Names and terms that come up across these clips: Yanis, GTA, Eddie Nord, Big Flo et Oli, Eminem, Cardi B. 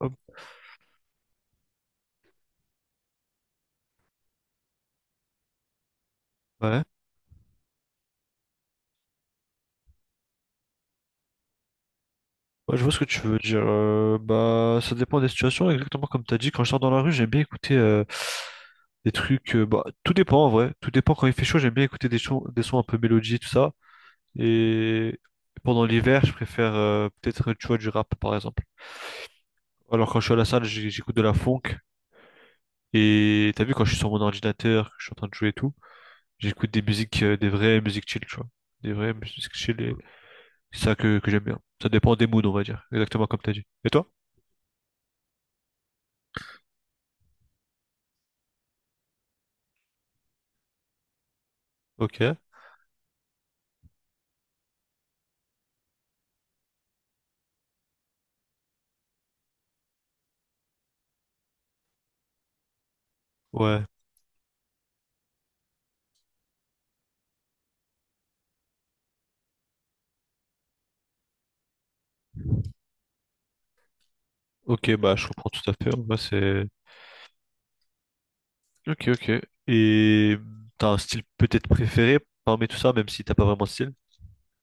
Hop, ouais. Ouais, je vois ce que tu veux dire. Bah, ça dépend des situations. Exactement comme tu as dit, quand je sors dans la rue, j'aime bien écouter des trucs. Bah, tout dépend en vrai. Tout dépend quand il fait chaud, j'aime bien écouter des sons un peu mélodie, tout ça. Et pendant l'hiver, je préfère peut-être, tu vois, du rap par exemple. Alors quand je suis à la salle, j'écoute de la funk. Et t'as vu, quand je suis sur mon ordinateur, que je suis en train de jouer et tout, j'écoute des musiques, des vraies musiques chill, tu vois. Des vraies musiques chill, et c'est ça que j'aime bien. Ça dépend des moods, on va dire. Exactement comme t'as dit. Et toi? Ok. Ouais, ok, bah je comprends tout à fait. En vrai, c'est. Ok, ok. Et t'as un style peut-être préféré parmi tout ça, même si t'as pas vraiment de style?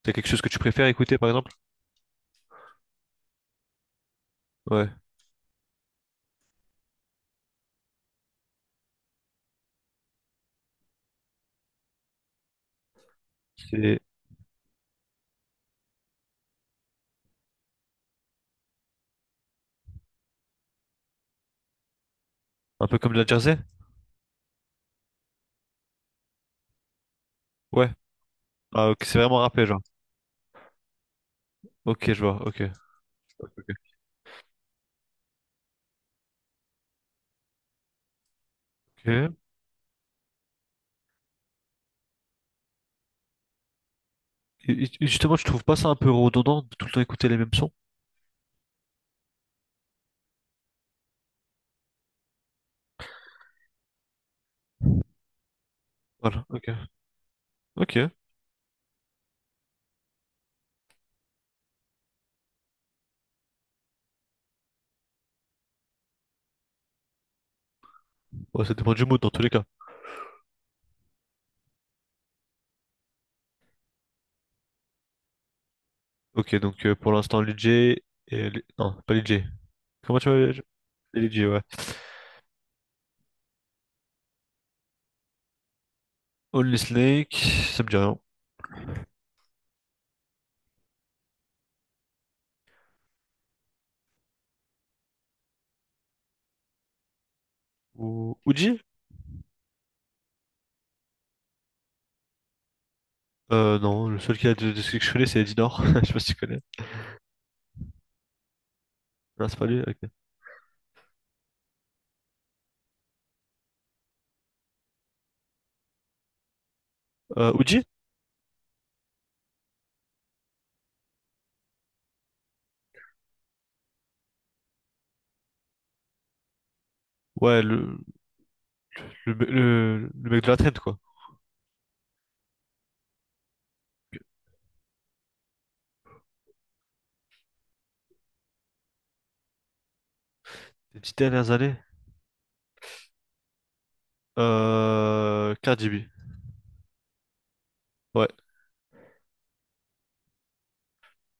T'as quelque chose que tu préfères écouter, par exemple? Ouais. C'est un peu comme de la jersey? Ouais. Ah, ok, c'est vraiment rappé, genre. Ok, je vois, ok. Ok. Ok. Et justement, je trouve pas ça un peu redondant de tout le temps écouter les mêmes sons? Voilà, ok. Ok. Bon, ça dépend du mood dans tous les cas. Ok, donc pour l'instant, Lidj et. Non, pas Lidj. Comment tu vas? Lidj, ouais. Only Snake, ça me dit rien. Uji? Non, le seul qui a de ce que je connais, c'est Eddie Nord. Je sais pas si tu connais. Non, c'est pas lui, ok. Uji? Ouais, le, me- le, le mec de la trend, quoi. Les 10 dernières années. Cardi B. Ouais.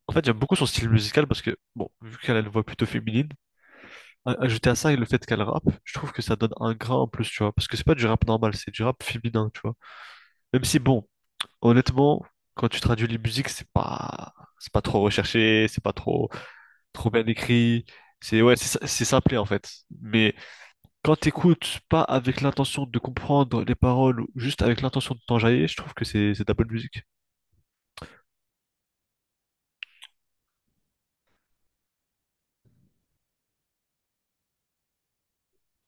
En fait, j'aime beaucoup son style musical parce que, bon, vu qu'elle a une voix plutôt féminine, ajouter à ça le fait qu'elle rappe, je trouve que ça donne un grain en plus, tu vois. Parce que c'est pas du rap normal, c'est du rap féminin, tu vois. Même si, bon, honnêtement, quand tu traduis les musiques, c'est pas trop recherché, c'est pas trop. Trop bien écrit. C'est ouais, c'est simplé en fait. Mais quand t'écoutes pas avec l'intention de comprendre les paroles, ou juste avec l'intention de t'enjailler, je trouve que c'est de la bonne musique.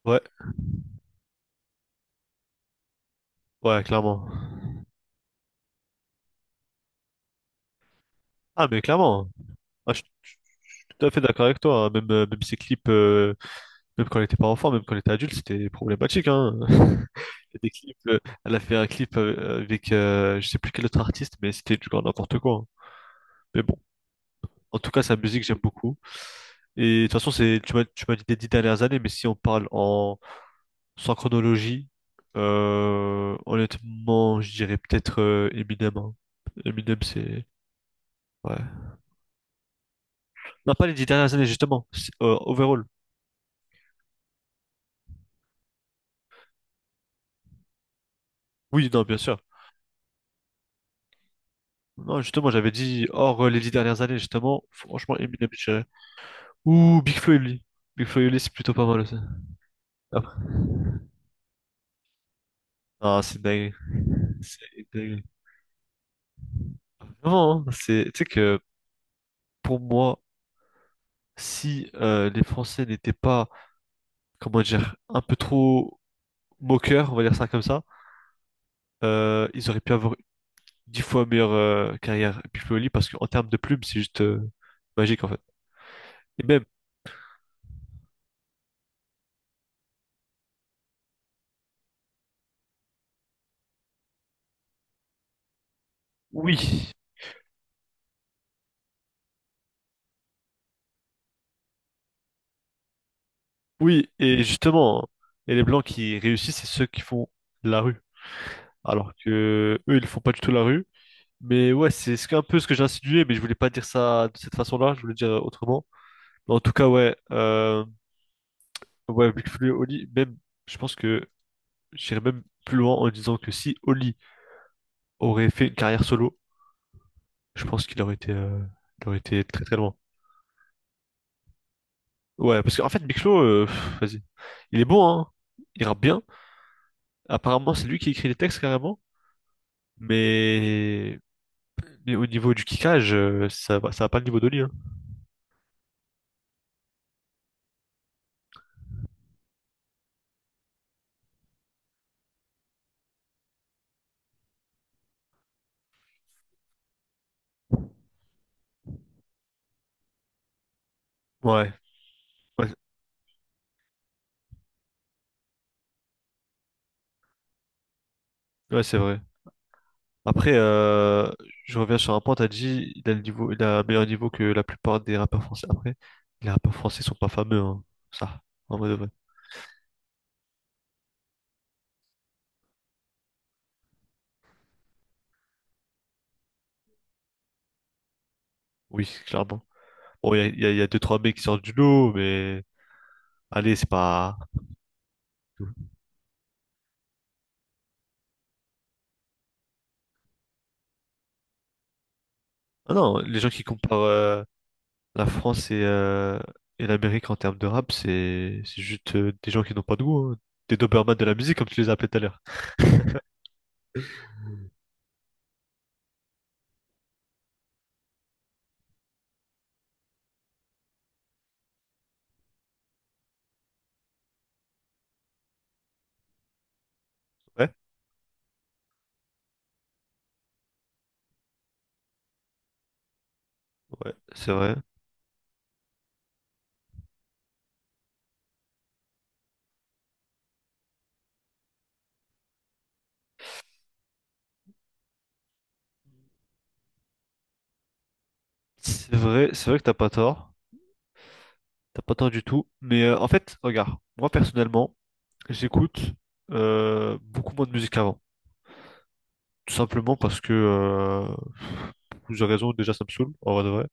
Ouais, ouais, clairement. Ah mais clairement. Ah, je suis tout à fait d'accord avec toi, hein. Même même ces clips, même quand elle était pas enfant, même quand elle était adulte, c'était problématique, hein. Il y a des clips, elle a fait un clip avec je sais plus quel autre artiste, mais c'était du grand n'importe quoi, hein. Mais bon. En tout cas, sa musique, j'aime beaucoup. Et de toute façon, c'est, tu m'as dit des 10 dernières années, mais si on parle sans chronologie, honnêtement, je dirais peut-être Eminem, hein. Eminem, c'est. Ouais. Non, pas les 10 dernières années, justement, overall. Oui, non, bien sûr. Non, justement, j'avais dit hors les 10 dernières années, justement. Franchement, Eminem, je dirais. Ou Big Flo et Oli. Big Flo et Oli, c'est plutôt pas mal aussi. Après. Ah, c'est dingue. C'est dingue. Vraiment, hein, c'est. Tu sais que pour moi. Si les Français n'étaient pas, comment dire, un peu trop moqueurs, on va dire ça comme ça, ils auraient pu avoir 10 fois meilleure carrière Pioli parce qu'en termes de plumes, c'est juste magique en fait. Et même, oui, oui, et justement, et les Blancs qui réussissent, c'est ceux qui font la rue. Alors que eux, ils font pas du tout la rue. Mais ouais, un peu ce que j'ai insinué, mais je voulais pas dire ça de cette façon-là, je voulais dire autrement. Mais en tout cas, ouais, ouais, Big Flo et Oli, même, je pense que j'irais même plus loin en disant que si Oli aurait fait une carrière solo, je pense qu'il aurait été, il aurait été très très loin. Ouais, parce qu'en fait, Big Flo, vas-y. Il est bon, hein. Il rappe bien. Apparemment, c'est lui qui écrit les textes carrément. Mais, mais au niveau du kickage, ça va pas le niveau d'Oli, hein. Ouais, ouais, ouais, c'est vrai. Après, je reviens sur un point, t'as dit, il a le niveau, il a un meilleur niveau que la plupart des rappeurs français. Après, les rappeurs français sont pas fameux, hein, ça, en mode vrai. Oui, clairement. Bon, il y a, il y a- il y a deux, trois mecs qui sortent du lot, mais allez, c'est pas. Ah non, les gens qui comparent la France et l'Amérique en termes de rap, c'est c'est juste des gens qui n'ont pas de goût, hein. Des Dobermans de la musique, comme tu les as appelés tout à l'heure. Ouais, ouais, c'est vrai. C'est vrai, c'est vrai que t'as pas tort. T'as pas tort du tout. Mais en fait, regarde, moi personnellement, j'écoute beaucoup moins de musique qu'avant. Tout simplement parce que pour plusieurs raisons, déjà ça me saoule, en vrai de vrai.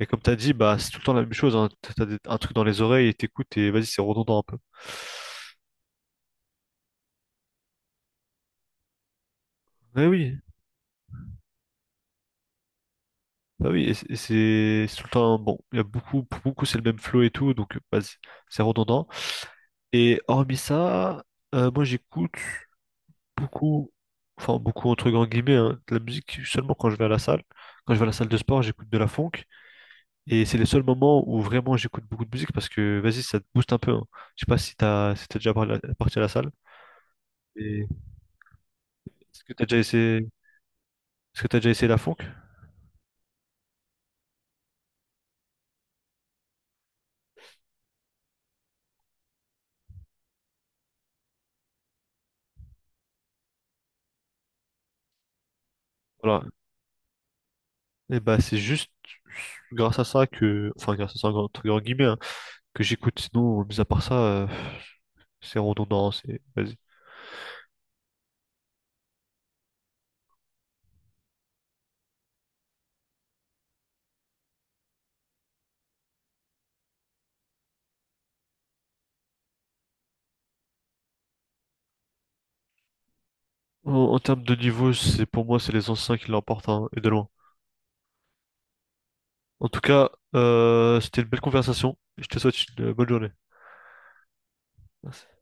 Et comme t'as dit, bah c'est tout le temps la même chose, hein. Un truc dans les oreilles et t'écoutes et vas-y, c'est redondant un peu. Mais oui, bah oui, c'est tout le temps bon, il y a beaucoup, pour beaucoup c'est le même flow et tout, donc vas-y, c'est redondant. Et hormis ça, moi j'écoute beaucoup, enfin beaucoup entre grands guillemets, hein, de la musique seulement quand je vais à la salle. Quand je vais à la salle de sport, j'écoute de la funk. Et c'est les seuls moments où vraiment j'écoute beaucoup de musique parce que vas-y, ça te booste un peu, hein. Je sais pas si t'as si t'es déjà parti à la salle. Et est-ce que t'as déjà essayé, est-ce que t'as déjà essayé, la funk? Voilà. Et bah c'est juste grâce à ça que, enfin grâce à ça entre grands guillemets, hein, que j'écoute. Sinon, mis à part ça, c'est redondant, c'est. Vas-y. En, en termes de niveau, c'est pour moi, c'est les anciens qui l'emportent, hein, et de loin. En tout cas, c'était une belle conversation. Je te souhaite une bonne journée. Merci.